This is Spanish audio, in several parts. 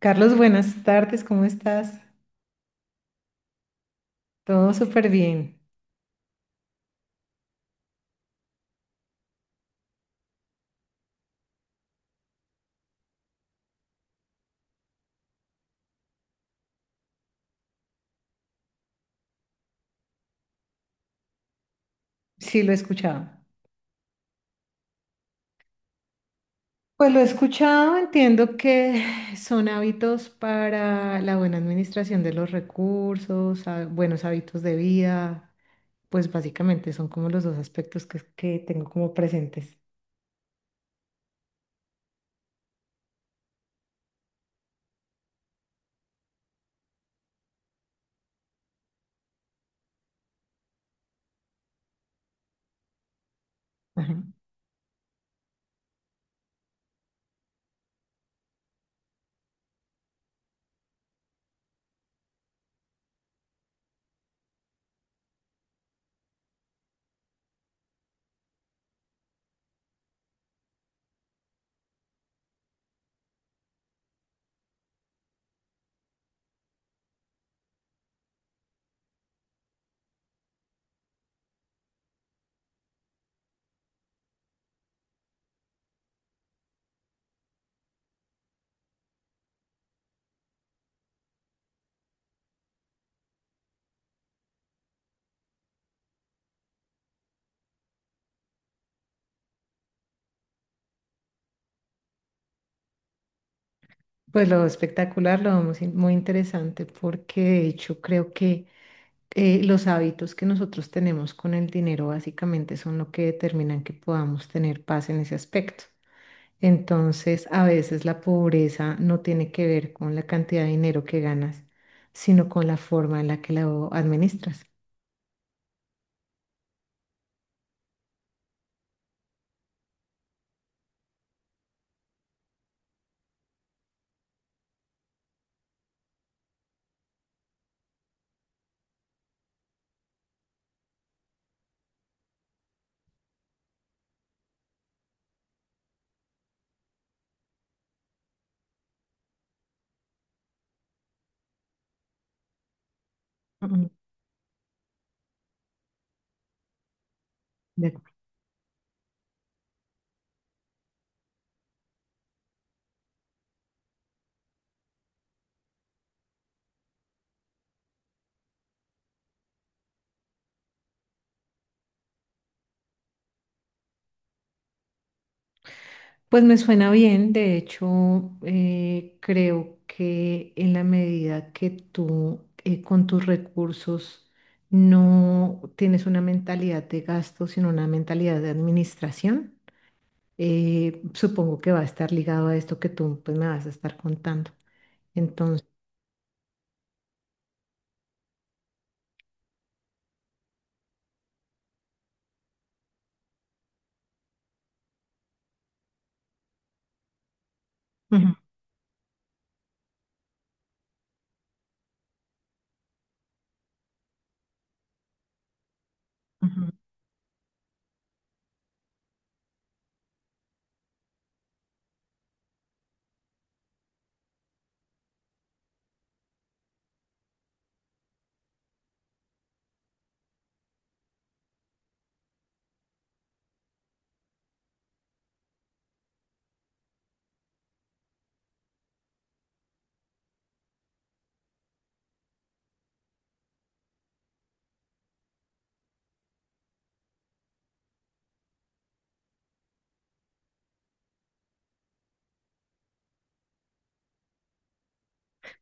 Carlos, buenas tardes, ¿cómo estás? Todo súper bien. Sí, lo he escuchado. Pues lo he escuchado, entiendo que son hábitos para la buena administración de los recursos, buenos hábitos de vida, pues básicamente son como los dos aspectos que tengo como presentes. Ajá. Pues lo espectacular, lo muy, muy interesante, porque de hecho creo que los hábitos que nosotros tenemos con el dinero básicamente son lo que determinan que podamos tener paz en ese aspecto. Entonces, a veces la pobreza no tiene que ver con la cantidad de dinero que ganas, sino con la forma en la que lo administras. Mm. De acuerdo. Pues me suena bien, de hecho, creo que en la medida que tú con tus recursos no tienes una mentalidad de gasto, sino una mentalidad de administración, supongo que va a estar ligado a esto que tú pues, me vas a estar contando. Entonces, ujú, ujú.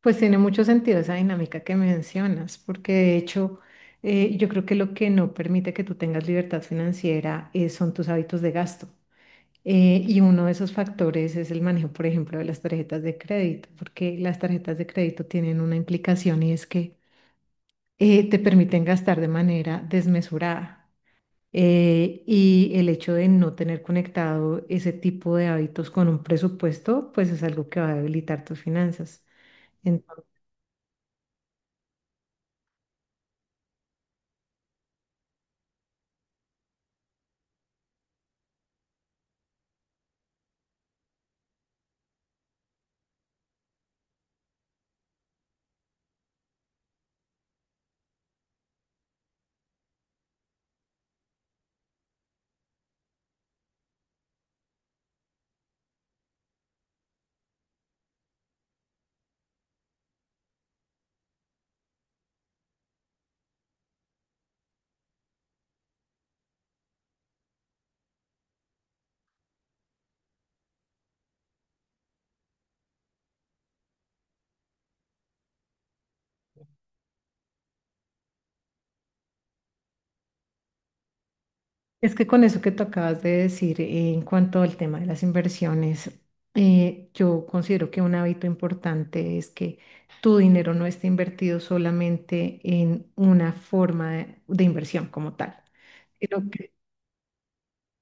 Pues tiene mucho sentido esa dinámica que mencionas, porque de hecho yo creo que lo que no permite que tú tengas libertad financiera son tus hábitos de gasto. Y uno de esos factores es el manejo, por ejemplo, de las tarjetas de crédito, porque las tarjetas de crédito tienen una implicación y es que te permiten gastar de manera desmesurada. Y el hecho de no tener conectado ese tipo de hábitos con un presupuesto, pues es algo que va a debilitar tus finanzas. Es que con eso que tú acabas de decir, en cuanto al tema de las inversiones, yo considero que un hábito importante es que tu dinero no esté invertido solamente en una forma de inversión como tal, sino que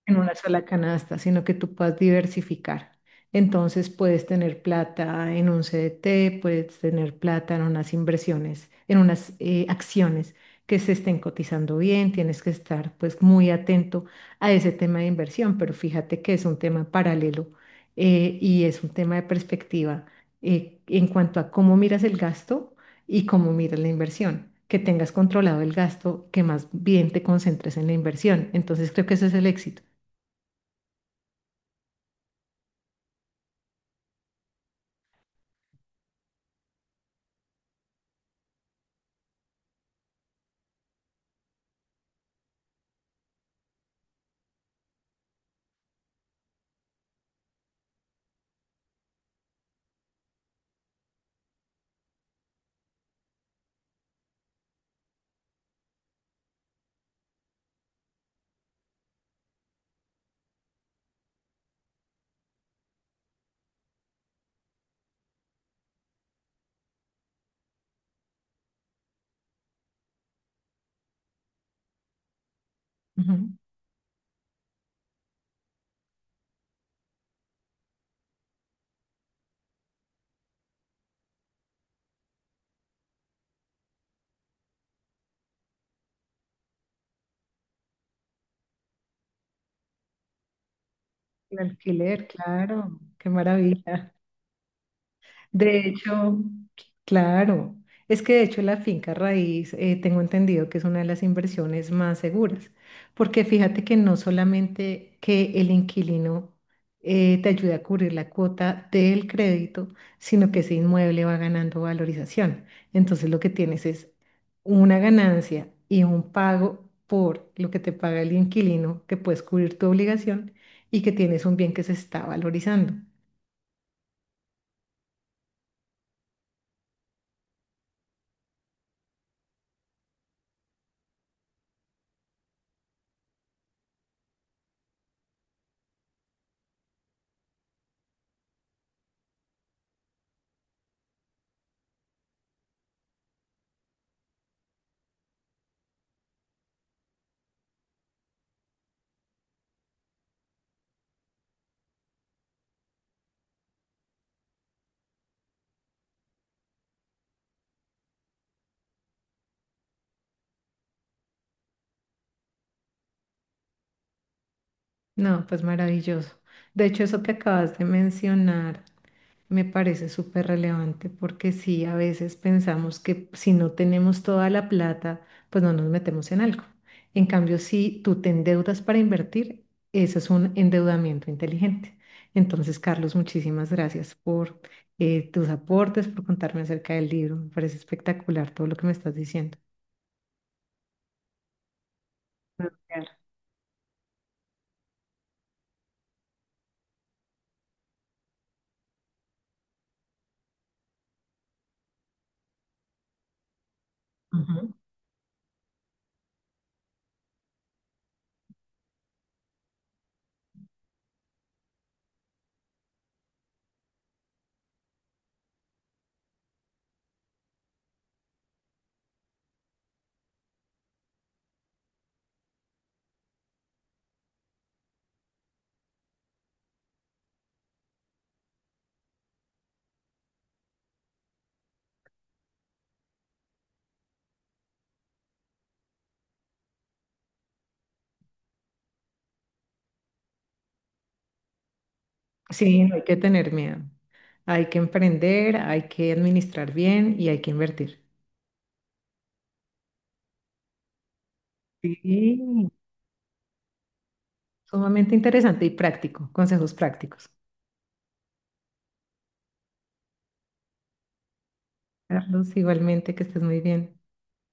en una sola canasta, sino que tú puedas diversificar. Entonces puedes tener plata en un CDT, puedes tener plata en unas inversiones, en unas acciones que se estén cotizando bien, tienes que estar pues muy atento a ese tema de inversión, pero fíjate que es un tema paralelo, y es un tema de perspectiva en cuanto a cómo miras el gasto y cómo miras la inversión, que tengas controlado el gasto, que más bien te concentres en la inversión. Entonces creo que ese es el éxito. Ujú. El alquiler, claro, qué maravilla. De hecho, claro, es que de hecho la finca raíz, tengo entendido que es una de las inversiones más seguras, porque fíjate que no solamente que el inquilino te ayuda a cubrir la cuota del crédito, sino que ese inmueble va ganando valorización. Entonces lo que tienes es una ganancia y un pago por lo que te paga el inquilino, que puedes cubrir tu obligación y que tienes un bien que se está valorizando. No, pues maravilloso. De hecho, eso que acabas de mencionar me parece súper relevante porque sí, a veces pensamos que si no tenemos toda la plata, pues no nos metemos en algo. En cambio, si tú te endeudas para invertir, eso es un endeudamiento inteligente. Entonces, Carlos, muchísimas gracias por tus aportes, por contarme acerca del libro. Me parece espectacular todo lo que me estás diciendo. Claro. Ujú. Sí, no hay que tener miedo. Hay que emprender, hay que administrar bien y hay que invertir. Sí, sumamente interesante y práctico, consejos prácticos. Carlos, igualmente que estés muy bien.